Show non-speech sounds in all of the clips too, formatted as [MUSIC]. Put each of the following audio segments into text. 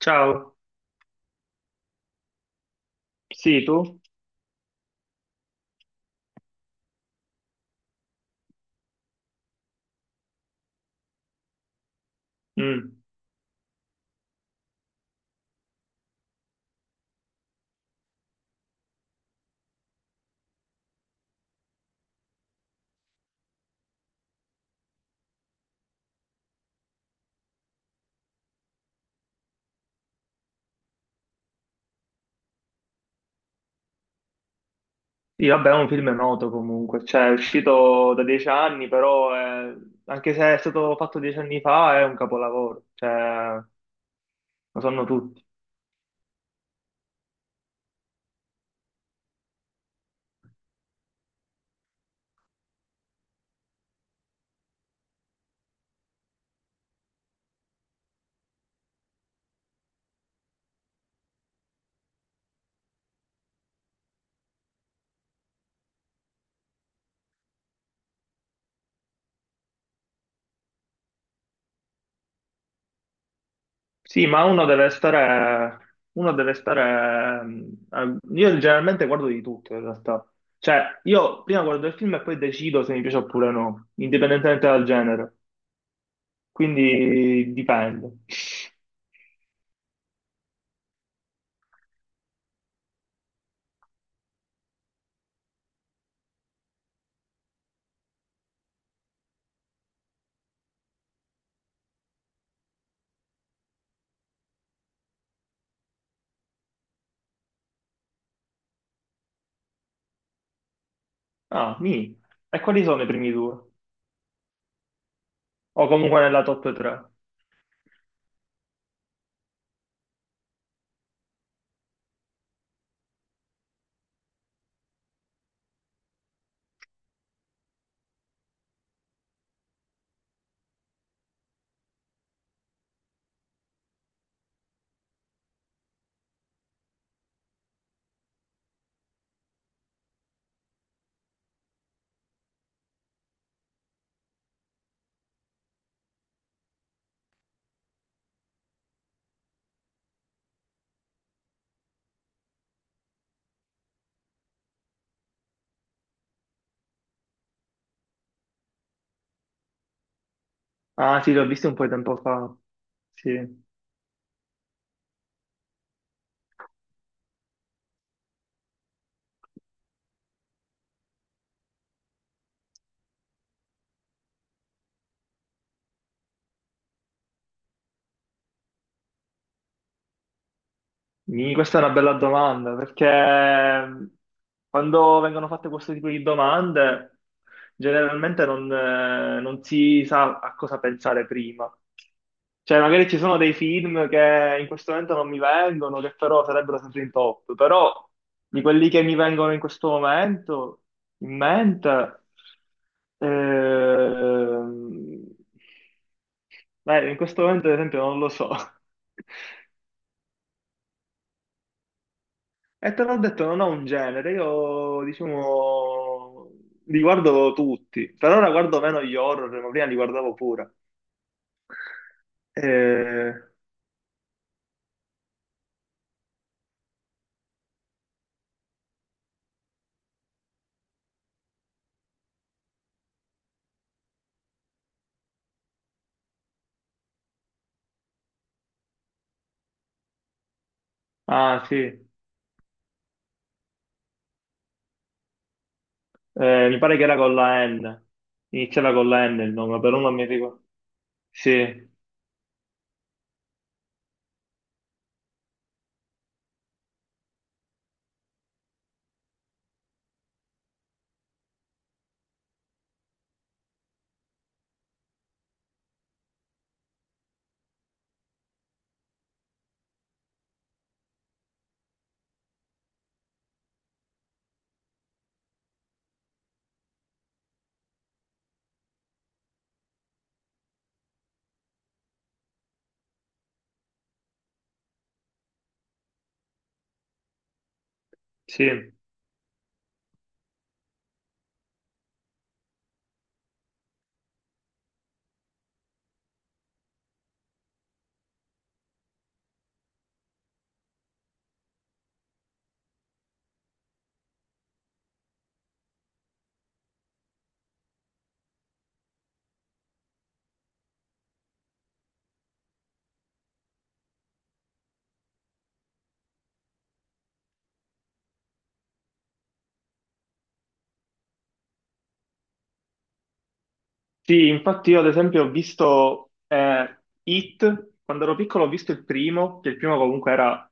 Ciao, sì, tu? Mm. Sì, vabbè, è un film noto comunque, cioè è uscito da dieci anni, però è- anche se è stato fatto dieci anni fa è un capolavoro, cioè lo sanno tutti. Sì, ma uno deve stare, io generalmente guardo di tutto in realtà, cioè io prima guardo il film e poi decido se mi piace oppure no, indipendentemente dal genere, quindi dipende. Ah, mi. E quali sono i primi due? O comunque nella top 3? Ah sì, l'ho visto un po' di tempo fa. Sì. Mi- questa è una bella domanda, perché quando vengono fatte questo tipo di domande, generalmente non, non si sa a cosa pensare prima. Cioè, magari ci sono dei film che in questo momento non mi vengono, che però sarebbero sempre in top, però di quelli che mi vengono in questo momento, in mente, ehm, beh, in questo momento ad esempio non lo so. [LAUGHS] E te l'ho detto, non ho un genere, io diciamo li guardo tutti, per ora guardo meno gli horror, ma prima li guardavo pure. Eh, ah sì. Mi pare che era con la N, iniziava con la N il nome, però non mi ricordo. Sì, sì, sì, infatti io ad esempio ho visto It, quando ero piccolo ho visto il primo, che il primo comunque era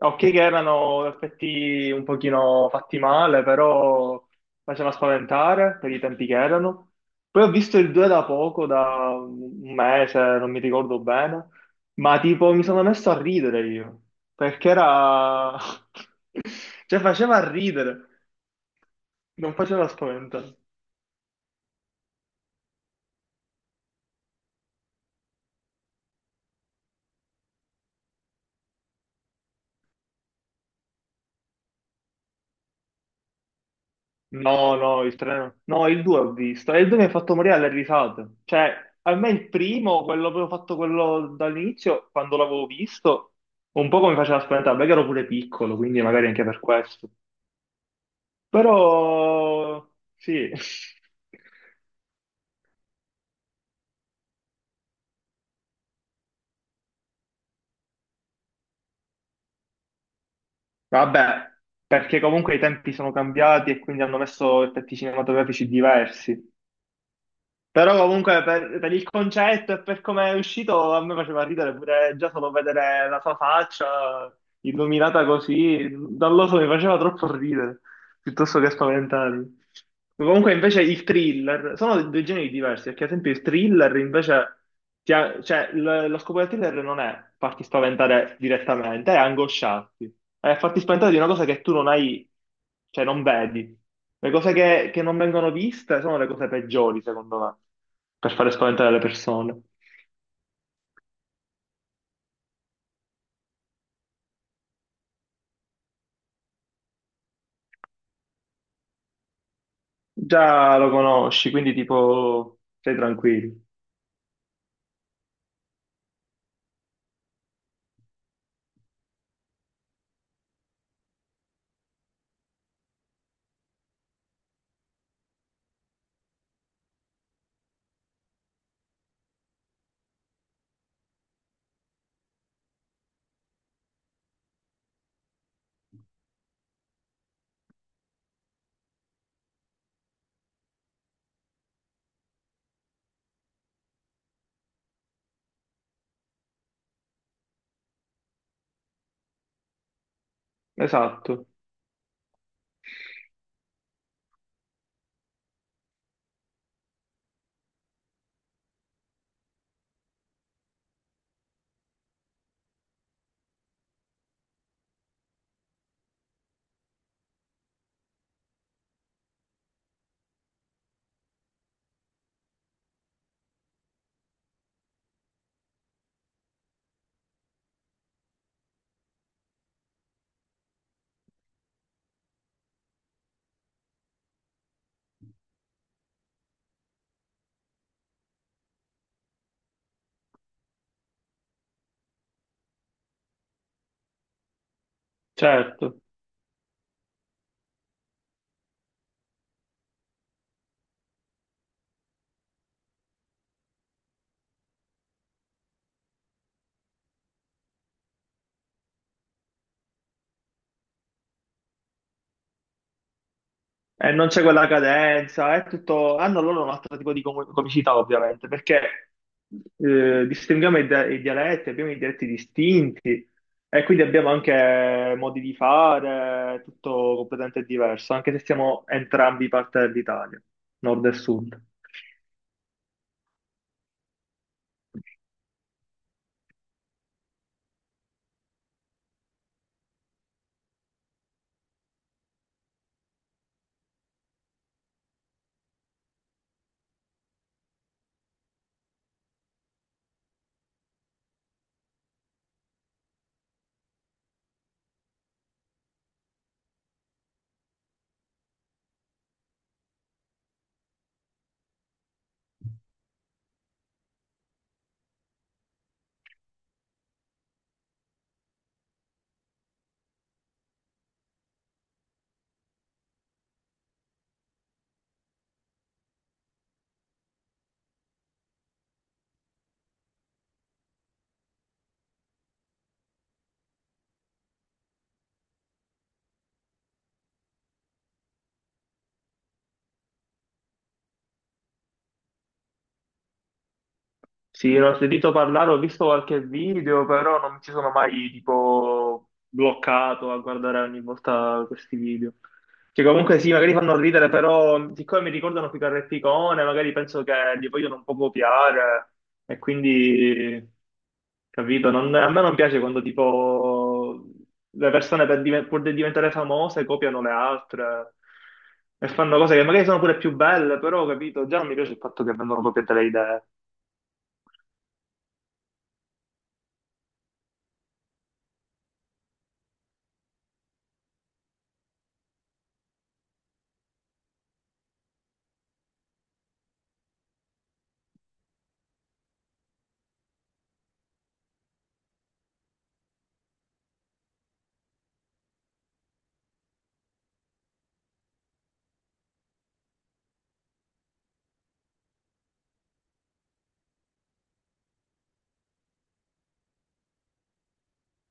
ok, che erano effetti un pochino fatti male, però faceva spaventare per i tempi che erano. Poi ho visto il 2 da poco, da un mese, non mi ricordo bene, ma tipo mi sono messo a ridere io, perché era... [LAUGHS] cioè faceva ridere, non faceva spaventare. No, no, il 3 no. No, il 2 ho visto. E il 2 mi ha fatto morire alle risate. Cioè, a me il primo, quello avevo fatto quello dall'inizio, quando l'avevo visto, un po' mi faceva spaventare, perché ero pure piccolo, quindi magari anche per questo. Però, sì. [LAUGHS] Vabbè, perché comunque i tempi sono cambiati e quindi hanno messo effetti cinematografici diversi. Però comunque per il concetto e per come è uscito a me faceva ridere pure già solo vedere la sua faccia illuminata così, non lo so, mi faceva troppo ridere, piuttosto che spaventarmi. Comunque invece il thriller, sono due generi diversi, perché ad esempio il thriller invece, cioè lo scopo del thriller non è farti spaventare direttamente, è angosciarti, è farti spaventare di una cosa che tu non hai, cioè non vedi. Le cose che non vengono viste sono le cose peggiori, secondo me per fare spaventare le persone. Già lo conosci, quindi tipo sei tranquillo. Esatto, certo. E non c'è quella cadenza, è tutto... Hanno loro un altro tipo di comicità, ovviamente, perché distinguiamo i, i dialetti, abbiamo i dialetti distinti e quindi abbiamo anche modi di fare, tutto completamente diverso, anche se siamo entrambi parte dell'Italia, nord e sud. Sì, l'ho sentito parlare, ho visto qualche video, però non mi ci sono mai tipo bloccato a guardare ogni volta questi video. Che comunque sì, magari fanno ridere, però siccome mi ricordano più Carreppicone, magari penso che li vogliono un po' copiare e quindi, capito, non- a me non piace quando tipo le persone per pur di diventare famose copiano le altre e fanno cose che magari sono pure più belle, però, capito, già non mi piace il fatto che vengono copiate le idee.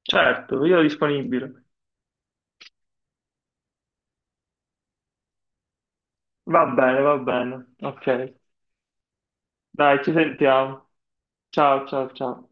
Certo, io disponibile. Va bene, va bene. Ok. Dai, ci sentiamo. Ciao, ciao, ciao.